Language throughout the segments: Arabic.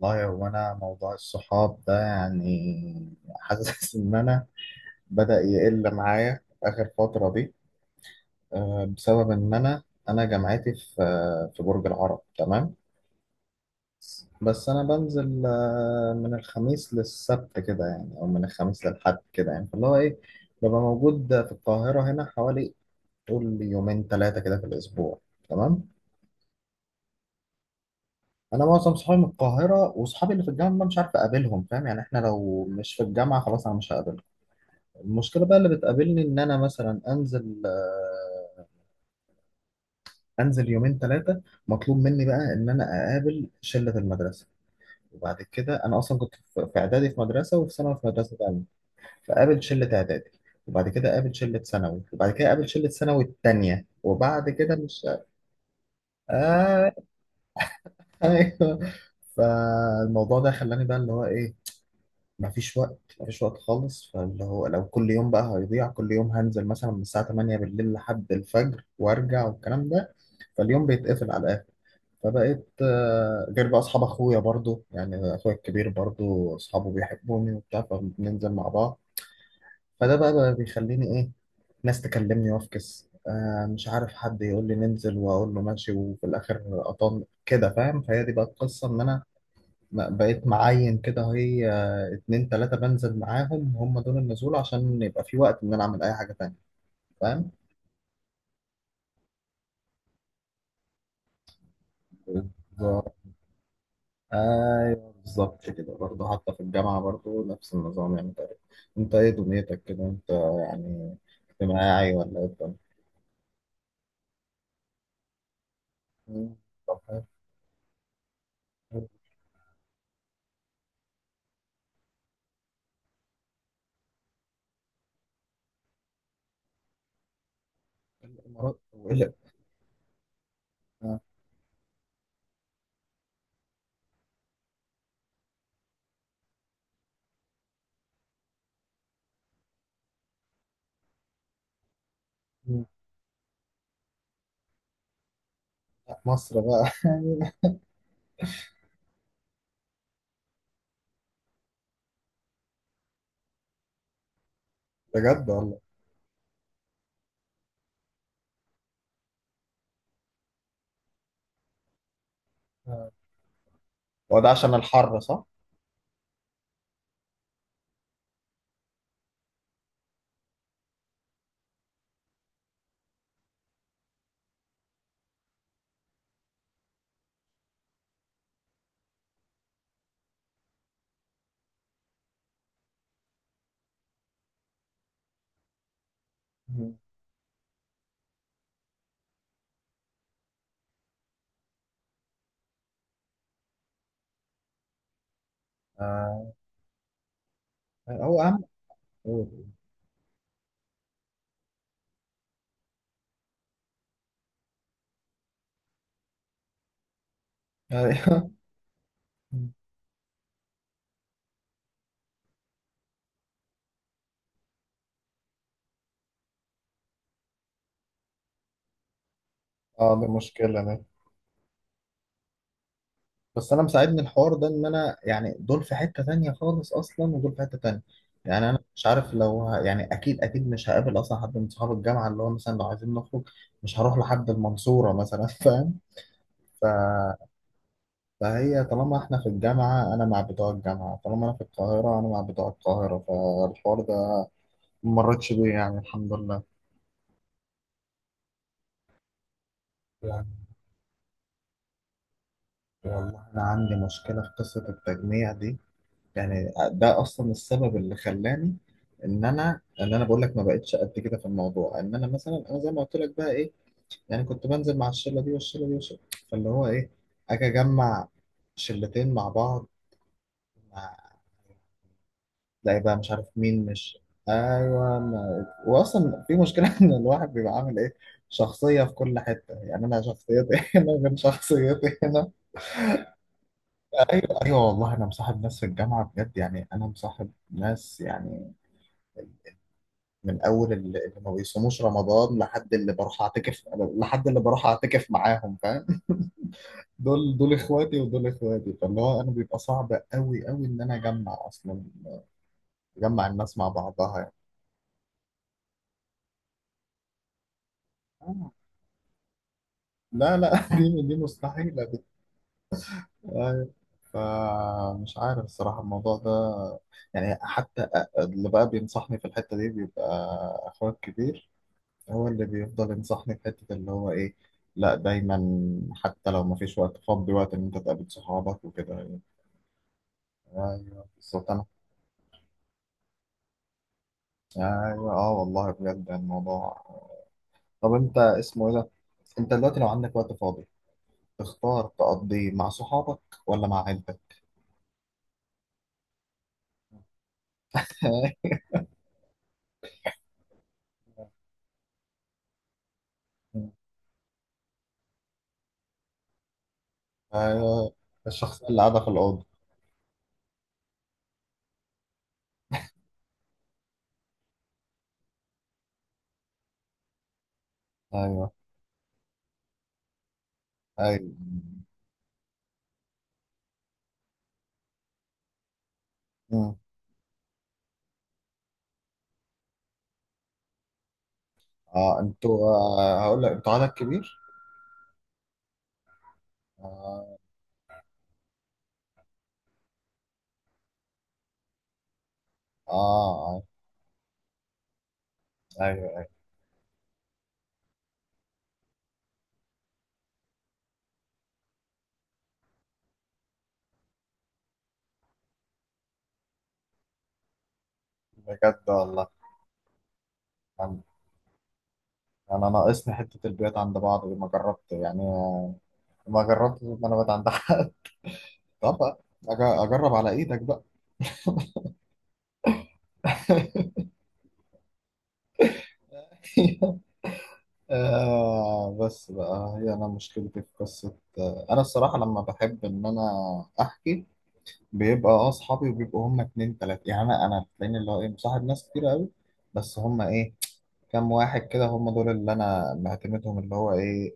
والله هو انا موضوع الصحاب ده يعني، حاسس ان انا بدأ يقل معايا اخر فترة دي. بسبب ان انا جامعتي في برج العرب، تمام. بس انا بنزل من الخميس للسبت كده يعني، او من الخميس للحد كده يعني، فاللي هو ايه، ببقى موجود في القاهرة هنا حوالي طول يومين ثلاثة كده في الاسبوع، تمام. انا معظم صحابي من القاهرة، واصحابي اللي في الجامعة مش عارف اقابلهم، فاهم؟ يعني احنا لو مش في الجامعة، خلاص انا مش هقابلهم. المشكلة بقى اللي بتقابلني إن أنا مثلا أنزل يومين ثلاثة، مطلوب مني بقى إن أنا أقابل شلة المدرسة. وبعد كده أنا أصلا كنت في إعدادي في مدرسة، وفي ثانوي في مدرسة تانية. فقابل شلة إعدادي، وبعد كده قابل شلة ثانوي، وبعد كده قابل شلة ثانوي التانية، وبعد كده مش آه أيوه. فالموضوع ده خلاني بقى اللي هو إيه، مفيش وقت، مفيش وقت خالص، فاللي هو لو كل يوم بقى هيضيع، كل يوم هنزل مثلا من الساعة 8 بالليل لحد الفجر وارجع والكلام ده، فاليوم بيتقفل على الآخر. فبقيت غير بقى أصحاب أخويا برضو، يعني أخويا الكبير برضو أصحابه بيحبوني وبتاع، فبننزل مع بعض. فده بقى بيخليني إيه، ناس تكلمني وافكس، مش عارف، حد يقول لي ننزل وأقول له ماشي، وفي الآخر أطن كده، فاهم؟ فهي دي بقى القصة إن أنا بقيت معين كده، هي اتنين تلاتة بنزل معاهم، هم دول النزول، عشان يبقى في وقت إن أنا أعمل أي حاجة تانية. فاهم؟ بالظبط. أيوه بالظبط كده برضه، حتى في الجامعة برضه نفس النظام يعني تقريبا. أنت إيه دنيتك كده أنت؟ يعني اجتماعي ولا إيه الدنيا؟ مم. طب حلو. حلو. الإمارات وإيه؟ آه. مم. لا، مصر بقى. بجد والله. آه. هو ده عشان الحر صح؟ مم. آه. هو أهم. أيوه. اه دي مشكلة دي. بس انا مساعدني الحوار ده، ان انا يعني دول في حتة تانية خالص اصلا، ودول في حتة تانية. يعني انا مش عارف لو يعني اكيد اكيد مش هقابل اصلا حد من صحاب الجامعة اللي هو مثلا لو عايزين نخرج. مش هروح لحد المنصورة مثلا فاهم؟ ف... فهي طالما احنا في الجامعة انا مع بتوع الجامعة، طالما انا في القاهرة انا مع بتوع القاهرة. فالحوار ده ما مرتش بيه يعني، الحمد لله. يعني والله انا عندي مشكلة في قصة التجميع دي. يعني ده اصلا السبب اللي خلاني ان انا بقول لك ما بقتش قد كده في الموضوع، ان انا مثلا، انا زي ما قلت لك بقى ايه، يعني كنت بنزل مع الشله دي والشله دي والشله، فاللي هو ايه، اجي اجمع شلتين مع بعض، مع تلاقي بقى مش عارف مين مش. ايوه ما... واصلا في مشكله ان الواحد بيبقى عامل ايه، شخصيه في كل حته، يعني انا شخصيتي هنا غير شخصيتي هنا. ايوه ايوه، والله انا مصاحب ناس في الجامعه بجد، يعني انا مصاحب ناس يعني من اول اللي ما بيصوموش رمضان، لحد اللي بروح اعتكف معاهم، فاهم؟ دول اخواتي، ودول اخواتي. فاللي هو انا بيبقى صعب قوي قوي ان انا اجمع اصلا، اجمع الناس مع بعضها يعني. آه. لا لا دي مستحيلة دي. أيوة. فمش عارف الصراحة الموضوع ده، يعني حتى اللي بقى بينصحني في الحتة دي بيبقى أخويا الكبير. هو اللي بيفضل ينصحني في حتة اللي هو إيه، لا دايما حتى لو ما فيش وقت فضي وقت إن أنت تقابل صحابك وكده يعني. أيوه بالظبط. أنا أيوه. أه والله بجد الموضوع. طب أنت اسمه إيه ده؟ أنت دلوقتي لو عندك وقت فاضي تختار تقضيه مع صحابك ولا مع عيلتك؟ أيوه. الشخص اللي قاعدة في الأوضة. أيوه أيوه. مم. أه أنتوا هقول لك أنتوا عدد كبير؟ أه. أه آه. أيوه أيوه. بجد والله. انا ناقصني حته البيوت عند بعض دي ما جربت يعني، ما جربت المنابت عند حد. طب اجرب على ايدك بقى. بس بقى هي انا مشكلتي في قصه، انا الصراحه لما بحب ان انا احكي بيبقى اصحابي، وبيبقوا هم اتنين تلاته يعني. انا تلاقيني اللي هو ايه، مصاحب ناس كتير قوي، بس هم ايه، كام واحد كده هم دول اللي انا معتمدهم، اللي هو ايه،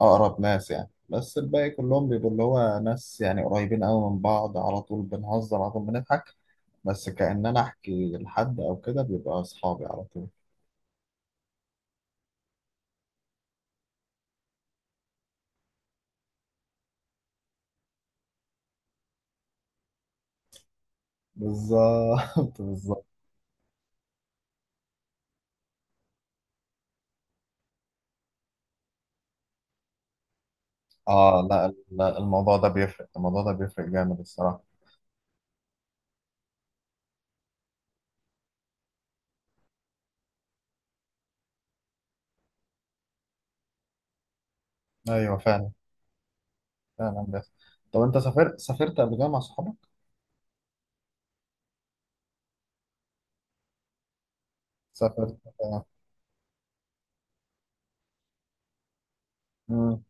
أقرب ناس يعني. بس الباقي كلهم بيبقوا اللي هو ناس يعني قريبين أوي من بعض، على طول بنهزر على طول بنضحك، بس كأن أنا أحكي لحد أو كده بيبقى أصحابي على طول. بالظبط بالظبط. آه لا لا، الموضوع ده بيفرق، الموضوع ده بيفرق جامد الصراحة. أيوه فعلا. فعلا بس. طب أنت سافرت سافرت قبل كده مع أصحابك؟ سافرت آه. مم.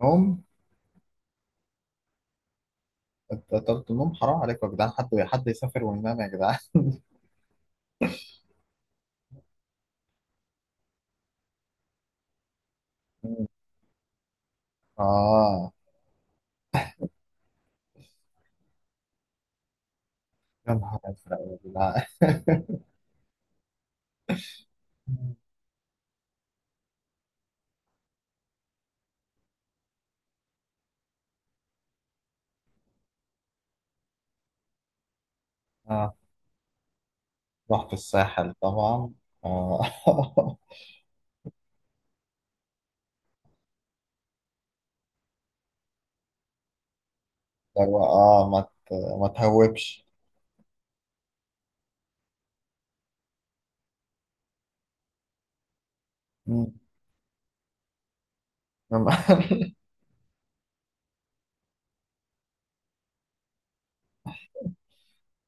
نوم. أنت طلبت النوم؟ حرام عليكم يا جدعان، حد حد يسافر وينام يا جدعان. مم. آه يا نهار أزرق يا جدعان آه. رحت الساحل طبعا. آه. لو ما تهوبش. مم.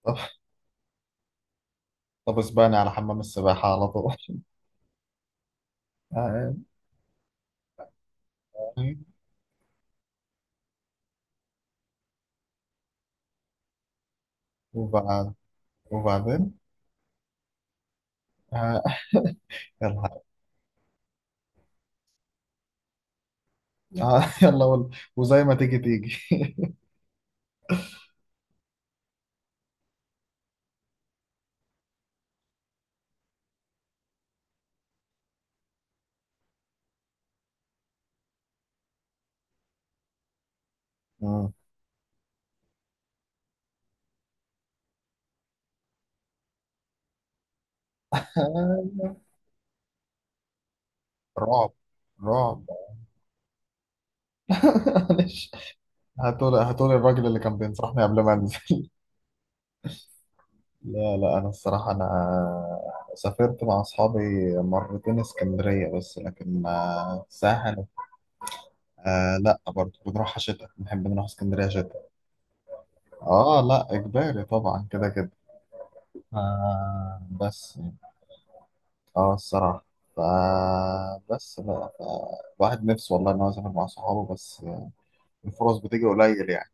طب طب اسباني على حمام السباحة على طول. آه. وبعد وبعدين. آه. يلا. آه. يلا وزي ما تيجي تيجي مم. رعب رعب. معلش. هاتولي هاتولي الراجل اللي كان بينصحني قبل ما انزل. لا لا، أنا الصراحة أنا سافرت مع أصحابي مرتين اسكندرية بس، لكن ساحل. آه لا برضه، بنروحها شتاء، بنحب نروح اسكندرية شتاء. آه لا إجباري طبعا كده كده. آه بس الصراحة. فبس بقى الواحد نفسه والله إن هو يسافر مع صحابه، بس الفرص بتيجي قليل يعني.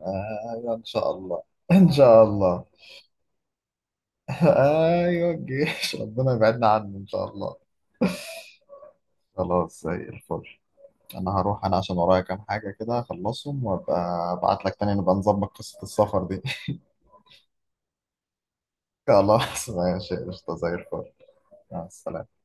آه أيوة، إن شاء الله. إن شاء الله. أيوة الجيش ربنا يبعدنا عنه إن شاء الله. خلاص زي الفل. انا هروح انا عشان ورايا كام حاجة كده اخلصهم، وابقى ابعت لك تاني نبقى نظبط قصة السفر دي. خلاص ماشي، قشطة زي الفل. مع السلامة.